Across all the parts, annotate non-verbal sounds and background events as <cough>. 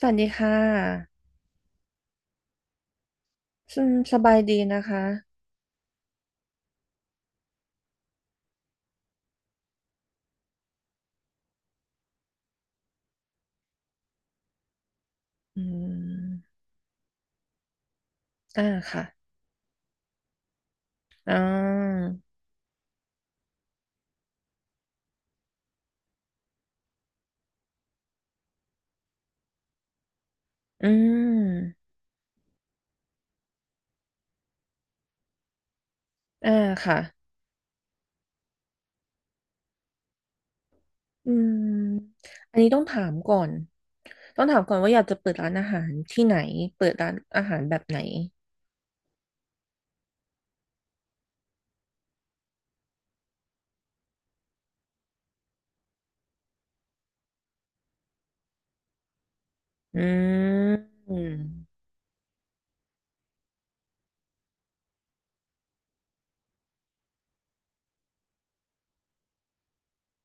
สวัสดีค่ะอืมสบายดีนะคะอืมอ่าค่ะอ่าอืมอ่าค่ะอืมอันนี้ต้องถามก่อน ต้องถามก่อนว่าอยากจะเปิดร้านอาหารที่ไหนเปิดร้านอาหารแบบไหนอืม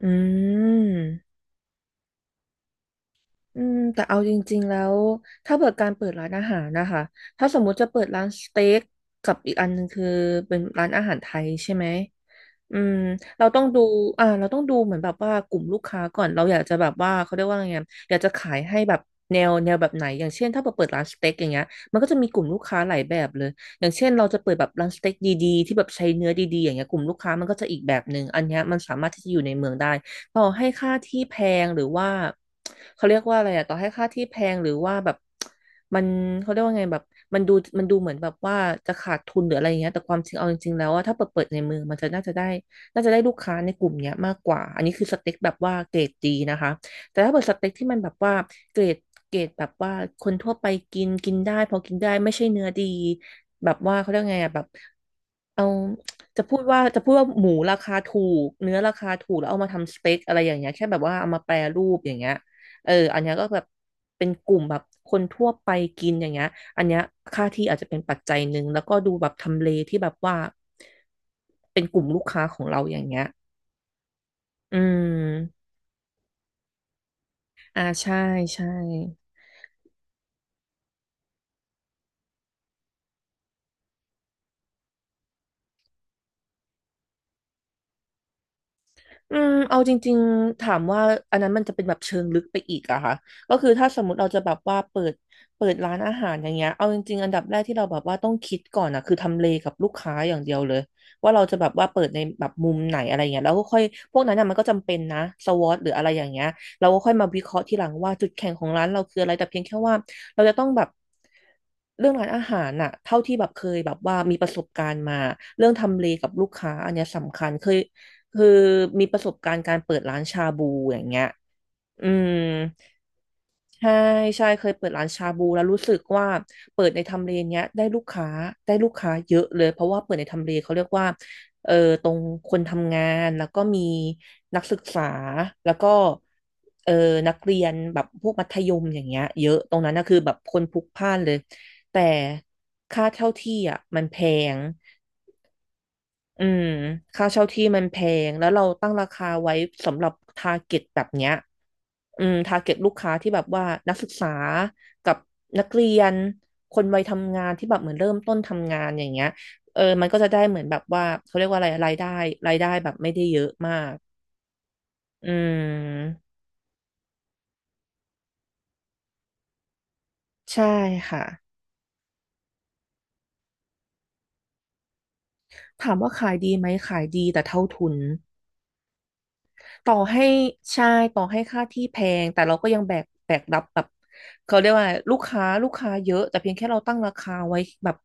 อืม อืมแต่เอาจริงๆแล้วถ้าเปิดการเปิดร้านอาหารนะคะถ้าสมมุติจะเปิดร้านสเต็กกับอีกอันหนึงคือเป็นร้านอาหารไทยใช่ไหมอืมเราต้องดูอ่าเราต้องดูเหมือนแบบว่ากลุ่มลูกค้าก่อนเราอยากจะแบบว่าเขาเรียกว่าไงอะอยากจะขายให้แบบแนวแบบไหนอย่างเช่นถ้าเราเปิดร้านสเต็กอย่างเงี้ยมันก็จะมีกลุ่มลูกค้าหลายแบบเลยอย่างเช่นเราจะเปิดแบบร้านสเต็กดีๆที่แบบใช้เนื้อดีๆอย่างเงี้ยกลุ่มลูกค้ามันก็จะอีกแบบหนึ่งอันเนี้ยมันสามารถที่จะอยู่ในเมืองได้ ต่อให้ค่าที่แพงหรือว่าเขาเรียกว่าอะไรอะต่อให้ค่าที่แพงหรือว่าแบบมันเขาเรียกว่าไงแบบมันดูมันดูเหมือนแบบว่าจะขาดทุนหรืออะไรอย่างเงี้ยแต่ความจริงเอาจริงๆแล้วว่าถ้าเปิดในมือมันจะน่าจะได้ลูกค้าในกลุ่มเนี้ยมากกว่าอันนี้คือสเต็กแบบว่าเกรดดีนะคะแต่ถ้าเปิดสเต็กที่มันแบบว่าเกรดเกรดแบบว่าคนทั่วไปกินกินได้พอกินได้ไม่ใช่เนื้อดีแบบว่าเขาเรียกไงอะแบบเอา จะพูดว่าหมูราคาถูกเนื้อราคาถูกแล้วเอามาทำสเต็กอะไรอย่างเงี้ยแค่แบบว่าเอามาแปรรูปอย่างเงี้ยเอออันเนี้ยก็แบบเป็นกลุ่มแบบคนทั่วไปกินอย่างเงี้ยอันเนี้ยค่าที่อาจจะเป็นปัจจัยหนึ่งแล้วก็ดูแบบทำเลที่แบบว่าเป็นกลุ่มลูกค้าของเราอย่างเงี้ยอืมอ่าใช่ใช่ อืมเอาจริงๆถามว่าอันนั้นมันจะเป็นแบบเชิงลึกไปอีกอะค่ะก็คือถ้าสมมติเราจะแบบว่าเปิดร้านอาหารอย่างเงี้ยเอาจริงๆอันดับแรกที่เราแบบว่าต้องคิดก่อนอะคือทำเลกับลูกค้าอย่างเดียวเลยว่าเราจะแบบว่าเปิดในแบบมุมไหนอะไรเงี้ยแล้วก็ค่อยพวกนั้นอะมันก็จำเป็นนะสวอตหรืออะไรอย่างเงี้ยเราก็ค่อยมาวิเคราะห์ทีหลังว่าจุดแข็งของร้านเราคืออะไรแต่เพียงแค่ว่าเราจะต้องแบบเรื่องร้านอาหารน่ะเท่าที่แบบเคยแบบว่ามีประสบการณ์มาเรื่องทำเลกับลูกค้าอันเนี้ยสำคัญเคย คือมีประสบการณ์การเปิดร้านชาบูอย่างเงี้ยอืมใช่ใช่เคยเปิดร้านชาบูแล้วรู้สึกว่าเปิดในทำเลเนี้ยได้ลูกค้าเยอะเลยเพราะว่าเปิดในทำเลเขาเรียกว่าเออตรงคนทำงานแล้วก็มีนักศึกษาแล้วก็เออนักเรียนแบบพวกมัธยมอย่างเงี้ยเยอะตรงนั้นนะคือแบบคนพลุกพล่านเลยแต่ค่าเช่าที่อ่ะมันแพง อืมค่าเช่าที่มันแพงแล้วเราตั้งราคาไว้สำหรับทาร์เก็ตแบบเนี้ยอืมทาร์เก็ตลูกค้าที่แบบว่านักศึกษากับนักเรียนคนวัยทำงานที่แบบเหมือนเริ่มต้นทำงานอย่างเงี้ยเออมันก็จะได้เหมือนแบบว่าเขาเรียกว่าอะไรรายได้แบบไม่ได้เยอะมากอืมใช่ค่ะถามว่าขายดีไหมขายดีแต่เท่าทุน ต่อให้ใช่ต่อให้ค่าที่แพงแต่เราก็ยังแบกรับแบบเขาเรียกว่าลูกค้าเยอะแต่เพียงแค่เราตั้งราคาไว้แบบ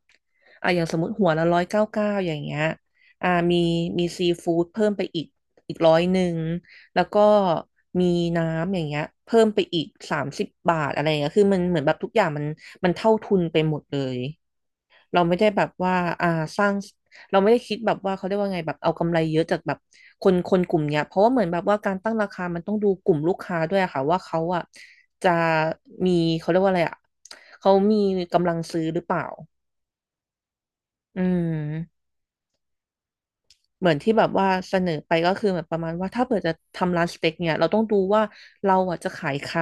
อ่ะอย่างสมมติหัวละ199อย่างเงี้ยอ่ามีซีฟู้ดเพิ่มไปอีกอีก100แล้วก็มีน้ำอย่างเงี้ยเพิ่มไปอีก30 บาทอะไรเงี้ยคือมันเหมือนแบบทุกอย่างมันเท่าทุนไปหมดเลย เราไม่ได้แบบว่าอ่า สร้าง เราไม่ได้คิดแบบว่าเขาเรียกว่าไงแบบเอากำไรเยอะจากแบบคนกลุ่มเนี้ยเพราะว่าเหมือนแบบว่าการตั้งราคามันต้องดูกลุ่มลูกค้าด้วยอะค่ะว่าเขาอ่ะจะมีเขาเรียกว่าอะไรอ่ะเขามีกำลังซื้อหรือเปล่าอืมเหมือนที่แบบว่าเสนอไปก็คือเหมือนประมาณว่าถ้าเกิดจะทำร้านสเต็กเนี่ยเราต้องดูว่าเราอ่ะจะขายใคร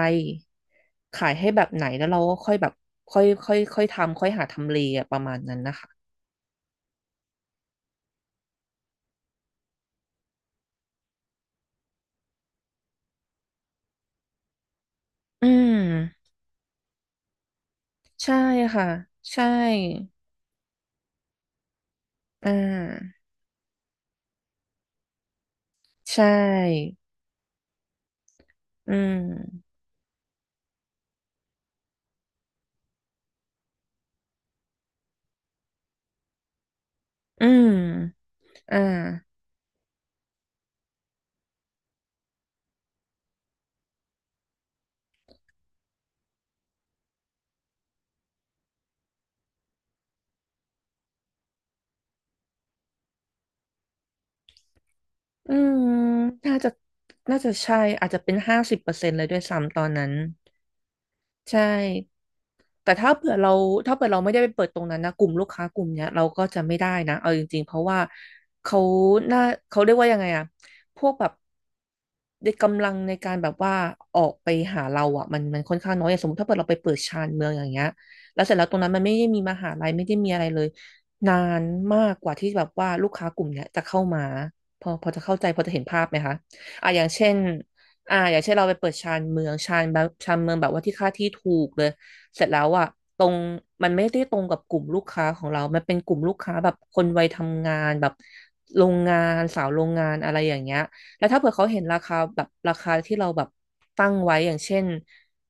ขายให้แบบไหน แล้วเราก็ค่อยแบบค่อยค่อยค่อยทำค่อยหาทำเลอะประมาณนั้นนะคะอืม ใช่ค่ะใช่อ่าใช่อืมอืมอ่าอืมน่าจะน่าจะใช่อาจจะเป็น50%เลยด้วยซ้ำตอนนั้นใช่ แต่ถ้าเผื่อเราไม่ได้ไปเปิดตรงนั้นนะกลุ่มลูกค้ากลุ่มเนี้ยเราก็จะไม่ได้นะเอาจริงๆเพราะว่าเขาหน้าเขาเรียกว่ายังไงอะพวกแบบในกำลังในการแบบว่าออกไปหาเราอะมันค่อนข้างน้อยอย่างสมมติถ้าเกิดเราไปเปิดชานเมืองอย่างเงี้ยแล้วเสร็จแล้วตรงนั้นมันไม่ได้มีมหาลัยไม่ได้มีอะไรเลยนานมากกว่าที่แบบว่าลูกค้ากลุ่มเนี้ยจะเข้ามาพอจะเข้าใจพอจะเห็นภาพไหมคะอ่ะอย่างเช่นอ่าอย่างเช่นเราไปเปิดชานเมืองแบบว่าที่ค่าที่ถูกเลย เสร็จแล้วอ่ะตรงมันไม่ได้ตรงกับกลุ่มลูกค้าของเรา มันเป็นกลุ่มลูกค้าแบบคนวัยทำงานแบบโรงงานสาวโรงงานอะไรอย่างเงี้ยแล้วถ้าเผื่อเขาเห็นราคาแบบราคาที่เราแบบตั้งไว้อย่างเช่น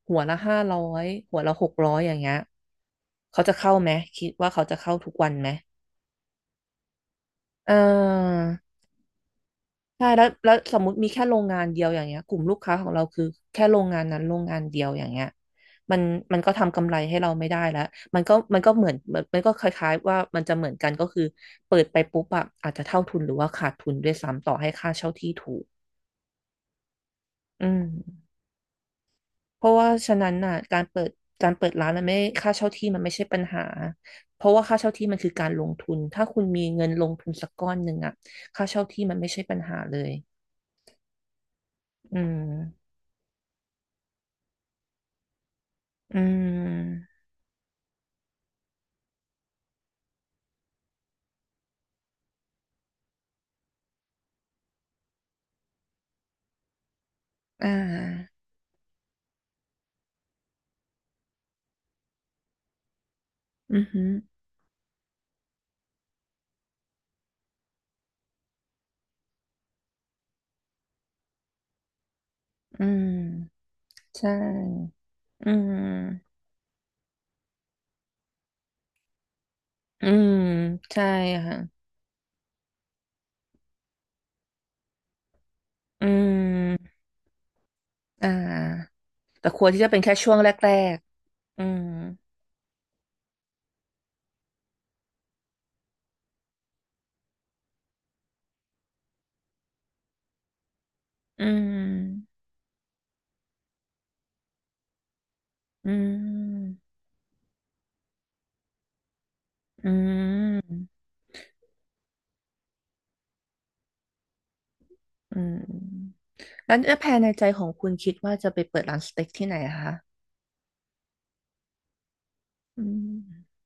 หัวละ500หัวละ600อย่างเงี้ยเขาจะเข้าไหมคิดว่าเขาจะเข้าทุกวันไหมเออ ใช่แล้วสมมติมีแค่โรงงานเดียวอย่างเงี้ยกลุ่มลูกค้าของเราคือแค่โรงงานนั้นโรงงานเดียวอย่างเงี้ยมันมันก็ทำกำไรให้เราไม่ได้แล้วมันก็เหมือนมันก็คล้ายๆว่ามันจะเหมือนกันก็คือเปิดไปปุ๊บอะอาจจะเท่าทุนหรือว่าขาดทุนด้วยซ้ำต่อให้ค่าเช่าที่ถูกอืมเพราะว่าฉะนั้นน่ะการเปิดร้านมันไม่ค่าเช่าที่มันไม่ใช่ปัญหาเพราะว่าค่าเช่าที่มันคือการลงทุนถ้าคุณมีเงินลงทุนสักก้อนหนึ่งอะค่าเช่าที่มันไม่ใช่ปัญหาเลยอืมอืม อ่าอือหืออืมใช่อืมอืมใช่ค่ะอืมอ่าแต่ควรที่จะเป็นแค่ช่วงแรกๆอืมอืมอืมอืมอืมแล้วแผนในใจของคุณคิดว่าจะไปเปิดร้านสเต็กที่ไหนอะคะอืม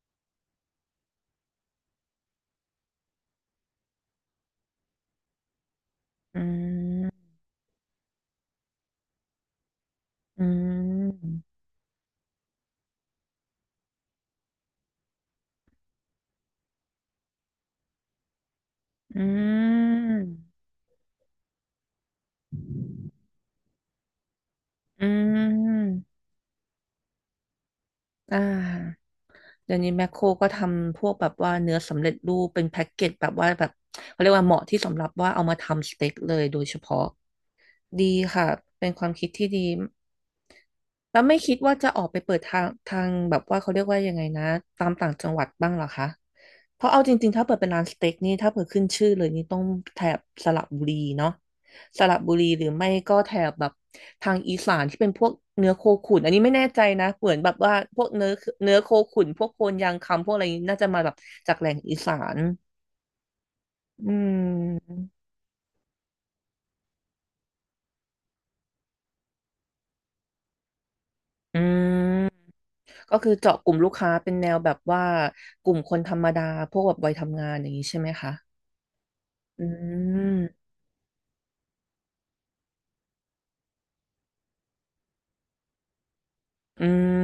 อืมอืมอืมอืมอ่า เดี๋ยวนี้แมคโครก็ทำพวกแบบว่าเนื้อสำเร็จรูปเป็นแพ็กเกจแบบว่าแบบเขาเรียกว่าเหมาะที่สำหรับว่าเอามาทำสเต็กเลยโดยเฉพาะ ดีค่ะเป็นความคิดที่ดีแล้วไม่คิดว่าจะออกไปเปิดทางแบบว่าเขาเรียกว่ายังไงนะตามต่างจังหวัดบ้างเหรอคะเพราะเอาจริงๆถ้าเปิดเป็นร้านสเต็กนี่ถ้าเปิดขึ้นชื่อเลยนี่ต้องแถบสระบุรีเนาะสระบุรีหรือไม่ก็แถบแบบทางอีสานที่เป็นพวกเนื้อโคขุนอันนี้ไม่แน่ใจนะเหมือนแบบว่าพวกเนื้อโคขุนพวกโคนยางคำพวกอะไรนี้น่าจะมาแบบจากแหล่งอีสานอืมอืม ก็คือเจาะกลุ่มลูกค้าเป็นแนวแบบว่ากลุ่มคนธรรมดาพวกแบบวัยทำงานอย่างนี้ใช่ไหมคะอืมอืม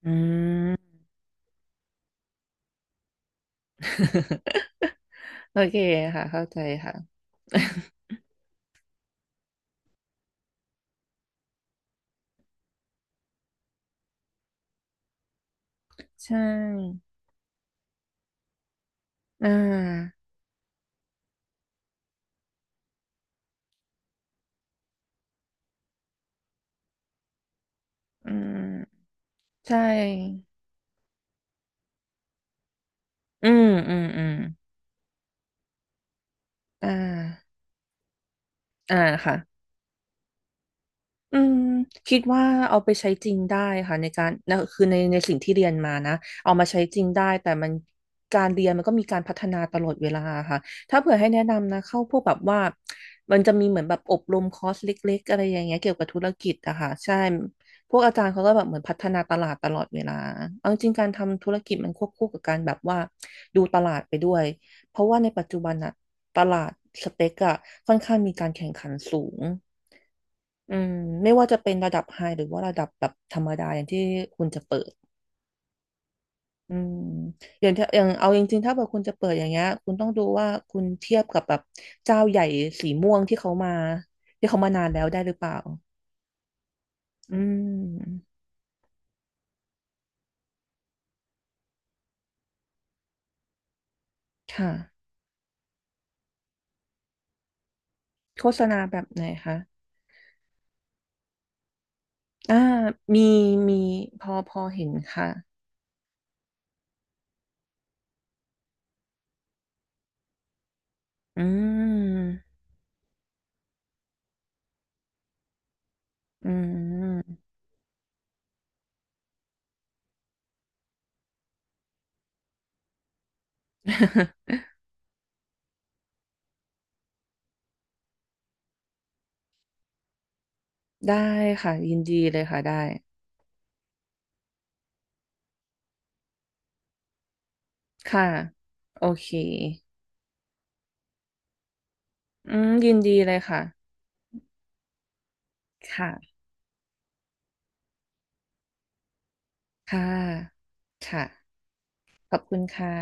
<laughs> โอเคค่ะเข้าใจค่ะ ใช่ อ่า อืม ใช่ อืม อืมอืมอ่า อ่าค่ะ อืมคิดว่าเอาไปใช้จริงได้ค่ะในการนะคือในสิ่งที่เรียนมานะเอามาใช้จริงได้แต่มันการเรียนมันก็มีการพัฒนาตลอดเวลาค่ะถ้าเผื่อให้แนะนำนะเข้าพวกแบบว่ามันจะมีเหมือนแบบอบรมคอร์สเล็กๆอะไรอย่างเงี้ยเกี่ยวกับธุรกิจอะค่ะใช่พวกอาจารย์เขาก็แบบเหมือนพัฒนาตลาดตลอดเวลาเอาจริงการทำธุรกิจมันควบคู่กับการแบบว่าดูตลาดไปด้วยเพราะว่าในปัจจุบันอะตลาดสเต็กอะค่อนข้างมีการแข่งขันสูง อืมไม่ว่าจะเป็นระดับไฮหรือว่าระดับแบบธรรมดาอย่างที่คุณจะเปิดอืมอย่างถ้าอย่างเอาจริงๆถ้าเกิดคุณจะเปิดอย่างเงี้ยคุณต้องดูว่าคุณเทียบกับแบบเจ้าใหญ่สีม่วงที่เขามานานแล้วได้หรือเปล่าอืมค่ะโฆษณาแบบไหนคะอ่ามีมีพอเห็นค่ะอืมอืม <laughs> ได้ค่ะยินดีเลยค่ะได้ค่ะโอเคอืมยินดีเลยค่ะ ค่ะค่ะ ค่ะ ขอบคุณค่ะ